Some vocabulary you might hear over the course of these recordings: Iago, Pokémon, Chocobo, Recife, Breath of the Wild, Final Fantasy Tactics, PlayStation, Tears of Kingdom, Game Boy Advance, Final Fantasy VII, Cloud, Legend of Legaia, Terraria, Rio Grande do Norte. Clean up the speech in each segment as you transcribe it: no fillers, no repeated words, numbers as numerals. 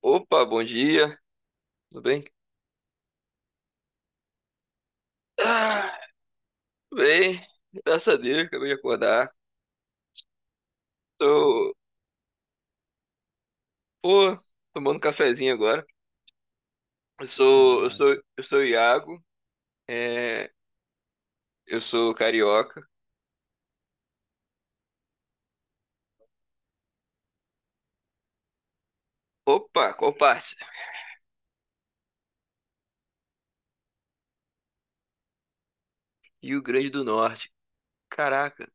Opa, bom dia, tudo bem? Ah, tudo bem, graças a Deus, acabei de acordar. Tô, pô, tomando cafezinho agora. Eu sou o Iago, é, eu sou carioca. Opa, qual parte? Rio Grande do Norte. Caraca,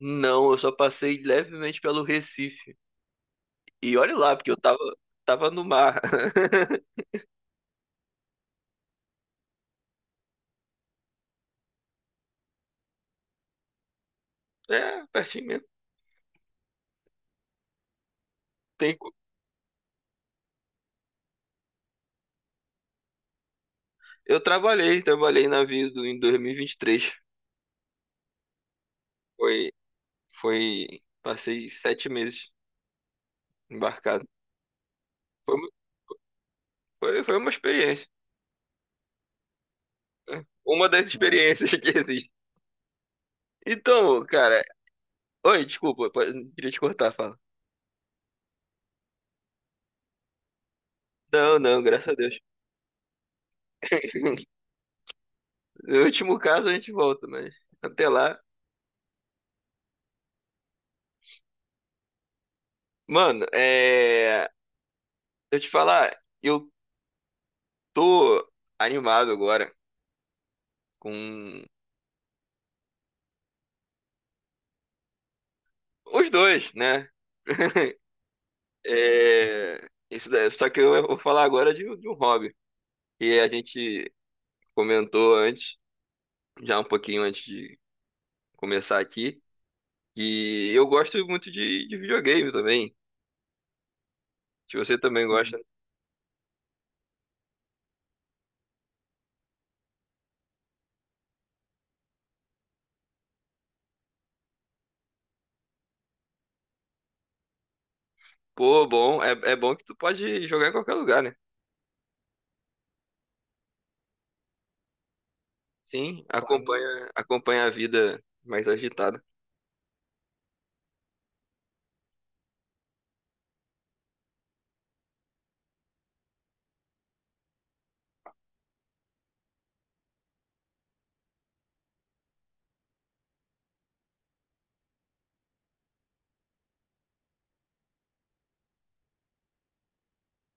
não, eu só passei levemente pelo Recife. E olha lá, porque eu tava no mar. É, pertinho mesmo. Tem, co- eu trabalhei na vida em 2023. Foi passei 7 meses embarcado. Foi, mu- foi uma experiência, né? Uma das experiências que existe. Então, cara. Oi, desculpa, queria te cortar, fala. Não, não, graças a Deus. No último caso a gente volta, mas até lá. Mano, é. Eu te falar, eu tô animado agora com os dois, né? É, isso daí. Só que eu vou falar agora de um hobby. E a gente comentou antes, já um pouquinho antes de começar aqui. E eu gosto muito de videogame também. Se você também gosta, uhum. Pô, bom, é bom que tu pode jogar em qualquer lugar, né? Sim, claro. Acompanha a vida mais agitada.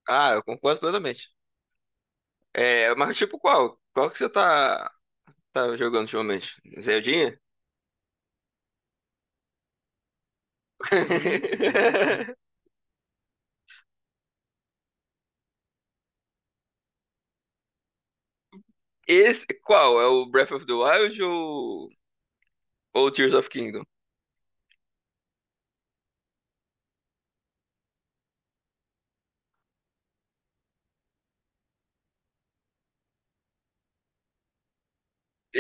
Ah, eu concordo totalmente. É, mas tipo qual? Qual que você tá jogando ultimamente? Zeldinha? Esse, qual? É o Breath of the Wild ou Tears of Kingdom?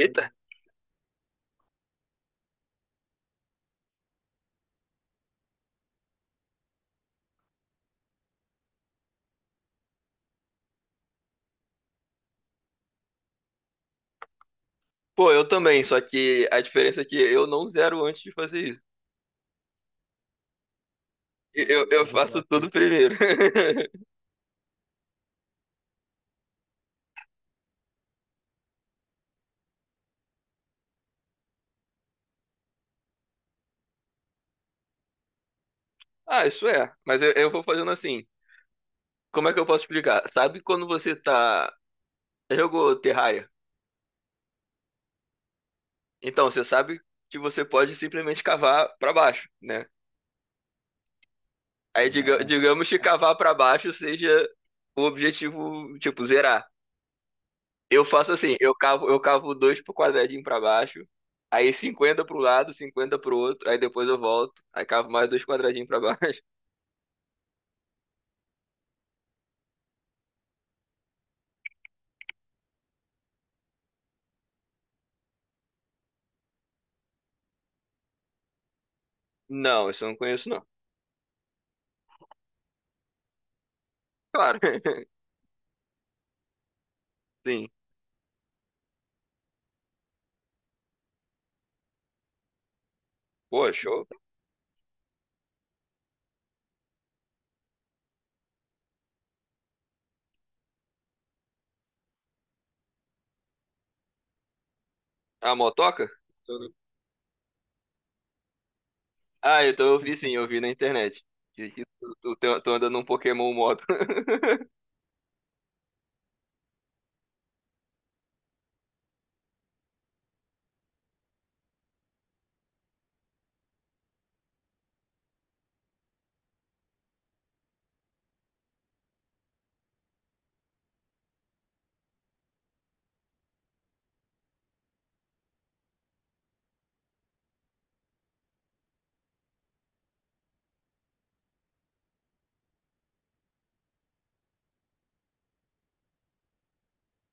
Eita! Pô, eu também, só que a diferença é que eu não zero antes de fazer isso. Eu faço tudo primeiro. Ah, isso é. Mas eu vou fazendo assim. Como é que eu posso explicar? Sabe quando você tá. Jogou Terraria? Então, você sabe que você pode simplesmente cavar pra baixo, né? Aí, lá, digamos que cavar pra baixo seja o objetivo, tipo, zerar. Eu faço assim: eu cavo dois pro quadradinho pra baixo, aí 50 pro lado, 50 pro outro, aí depois eu volto, aí cavo mais dois quadradinhos pra baixo. Não, isso eu não conheço, não. Claro. Sim. Pô, show. A motoca? Tô- Ah, eu vi, sim, eu vi na internet. Que Tu anda num Pokémon moto.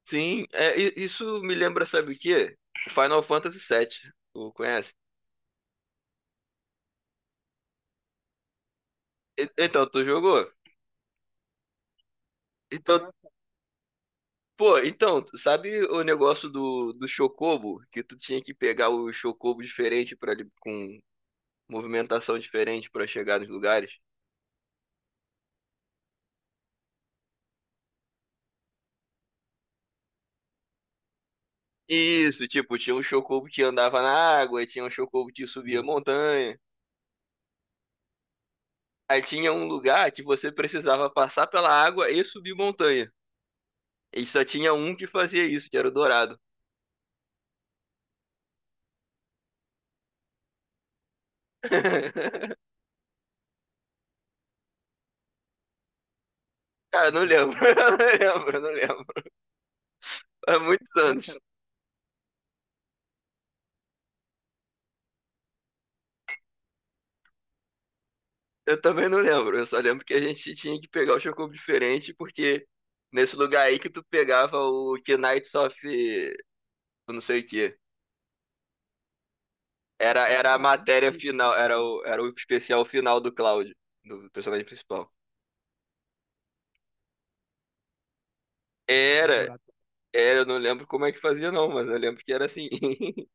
Sim, é, isso me lembra, sabe o quê? Final Fantasy VII. Tu conhece? Então, tu jogou? Então, pô, então, sabe o negócio do Chocobo? Que tu tinha que pegar o Chocobo diferente para com movimentação diferente pra chegar nos lugares? Isso, tipo, tinha um Chocobo que andava na água, e tinha um Chocobo que subia montanha. Aí tinha um lugar que você precisava passar pela água e subir montanha. E só tinha um que fazia isso, que era o Dourado. Cara, não lembro, não lembro, não lembro. Há muitos anos. Eu também não lembro. Eu só lembro que a gente tinha que pegar o Chocobo diferente, porque nesse lugar aí que tu pegava o Knights of, eu não sei o quê. Era a matéria final, era o especial final do Cloud, do personagem principal. Era, eu não lembro como é que fazia, não, mas eu lembro que era assim.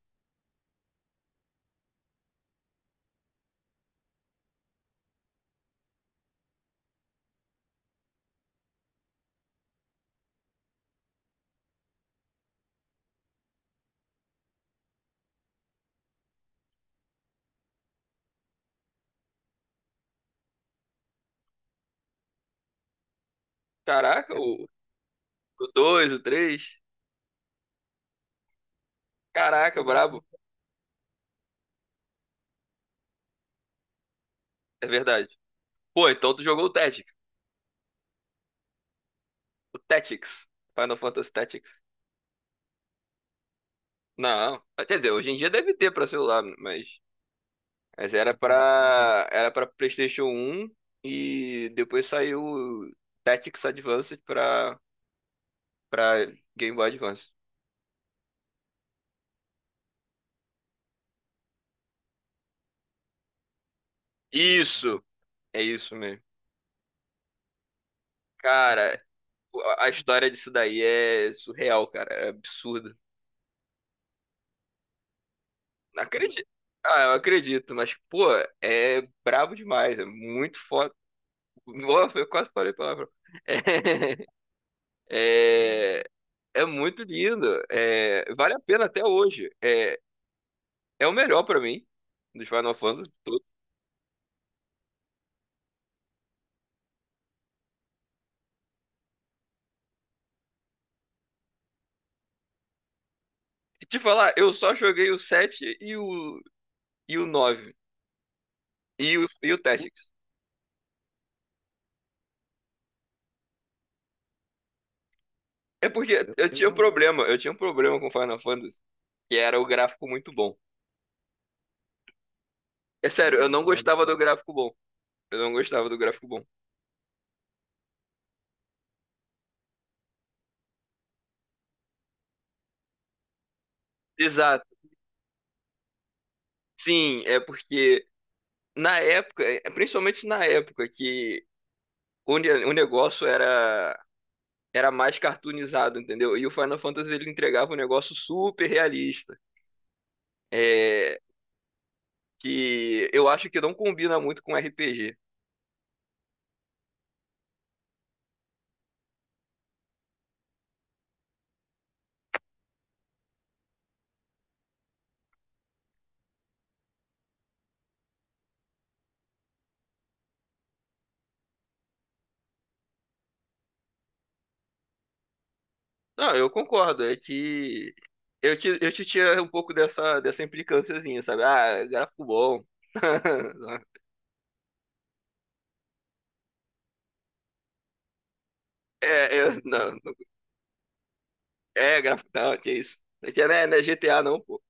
Caraca, o 2, o 3. Caraca, brabo. É verdade. Pô, então tu jogou o Tactics. O Tactics. Final Fantasy Tactics. Não. Quer dizer, hoje em dia deve ter pra celular, mas. Era pra PlayStation um e depois saiu o Tactics Advanced pra Game Boy Advance. Isso! É isso mesmo. Cara, a história disso daí é surreal, cara. É absurdo. Não acredito. Ah, eu acredito, mas, pô, é brabo demais, é muito foda. Nossa, eu quase falei palavrão. É, é, é muito lindo, é, vale a pena até hoje. É o melhor pra mim, dos Final Fantasy todos. E te falar, eu só joguei o sete e o 9 e o Tactics. É porque eu tinha um problema com Final Fantasy, que era o gráfico muito bom. É sério, eu não gostava do gráfico bom. Eu não gostava do gráfico bom. Exato. Sim, é porque na época, principalmente na época que o negócio era mais cartoonizado, entendeu? E o Final Fantasy ele entregava um negócio super realista, é, que eu acho que não combina muito com RPG. Não, eu concordo, é que eu te tiro um pouco dessa implicânciazinha, sabe? Ah, gráfico bom. É, não, é gráfico, não, que isso. É que né, não é GTA não, pô.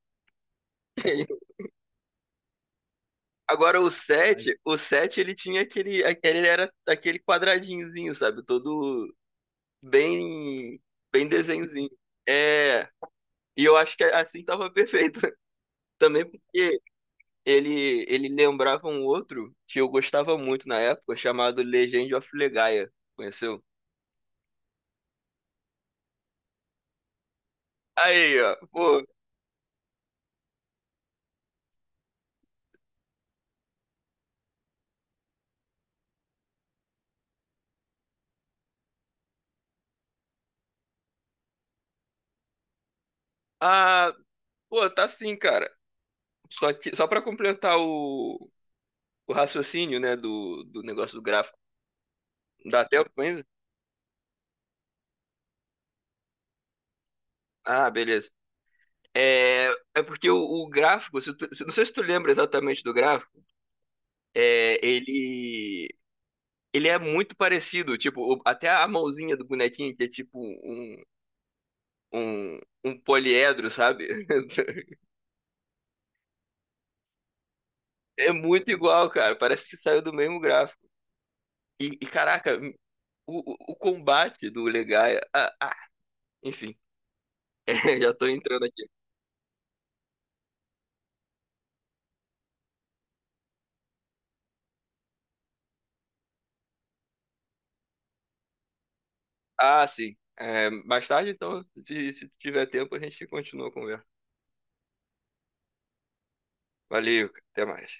Agora o Aí, o 7 ele tinha aquele ele era aquele quadradinhozinho, sabe? Todo bem, bem desenhozinho. É, e eu acho que assim tava perfeito. Também porque ele lembrava um outro que eu gostava muito na época, chamado Legend of Legaia. Conheceu? Aí, ó, pô. Ah, pô, tá assim, cara. Só que, só para completar o raciocínio, né, do negócio do gráfico. Dá tempo ainda? Ah, beleza. É, é porque o gráfico, se tu- se- não sei se tu lembra exatamente do gráfico, é, ele é muito parecido, tipo, até a mãozinha do bonequinho, que é tipo um, um poliedro, sabe? É muito igual, cara, parece que saiu do mesmo gráfico. Caraca, o combate do Legaia, enfim, é, já tô entrando aqui. Ah, sim, é, mais tarde então, se tiver tempo, a gente continua a conversa. Valeu, cara, até mais.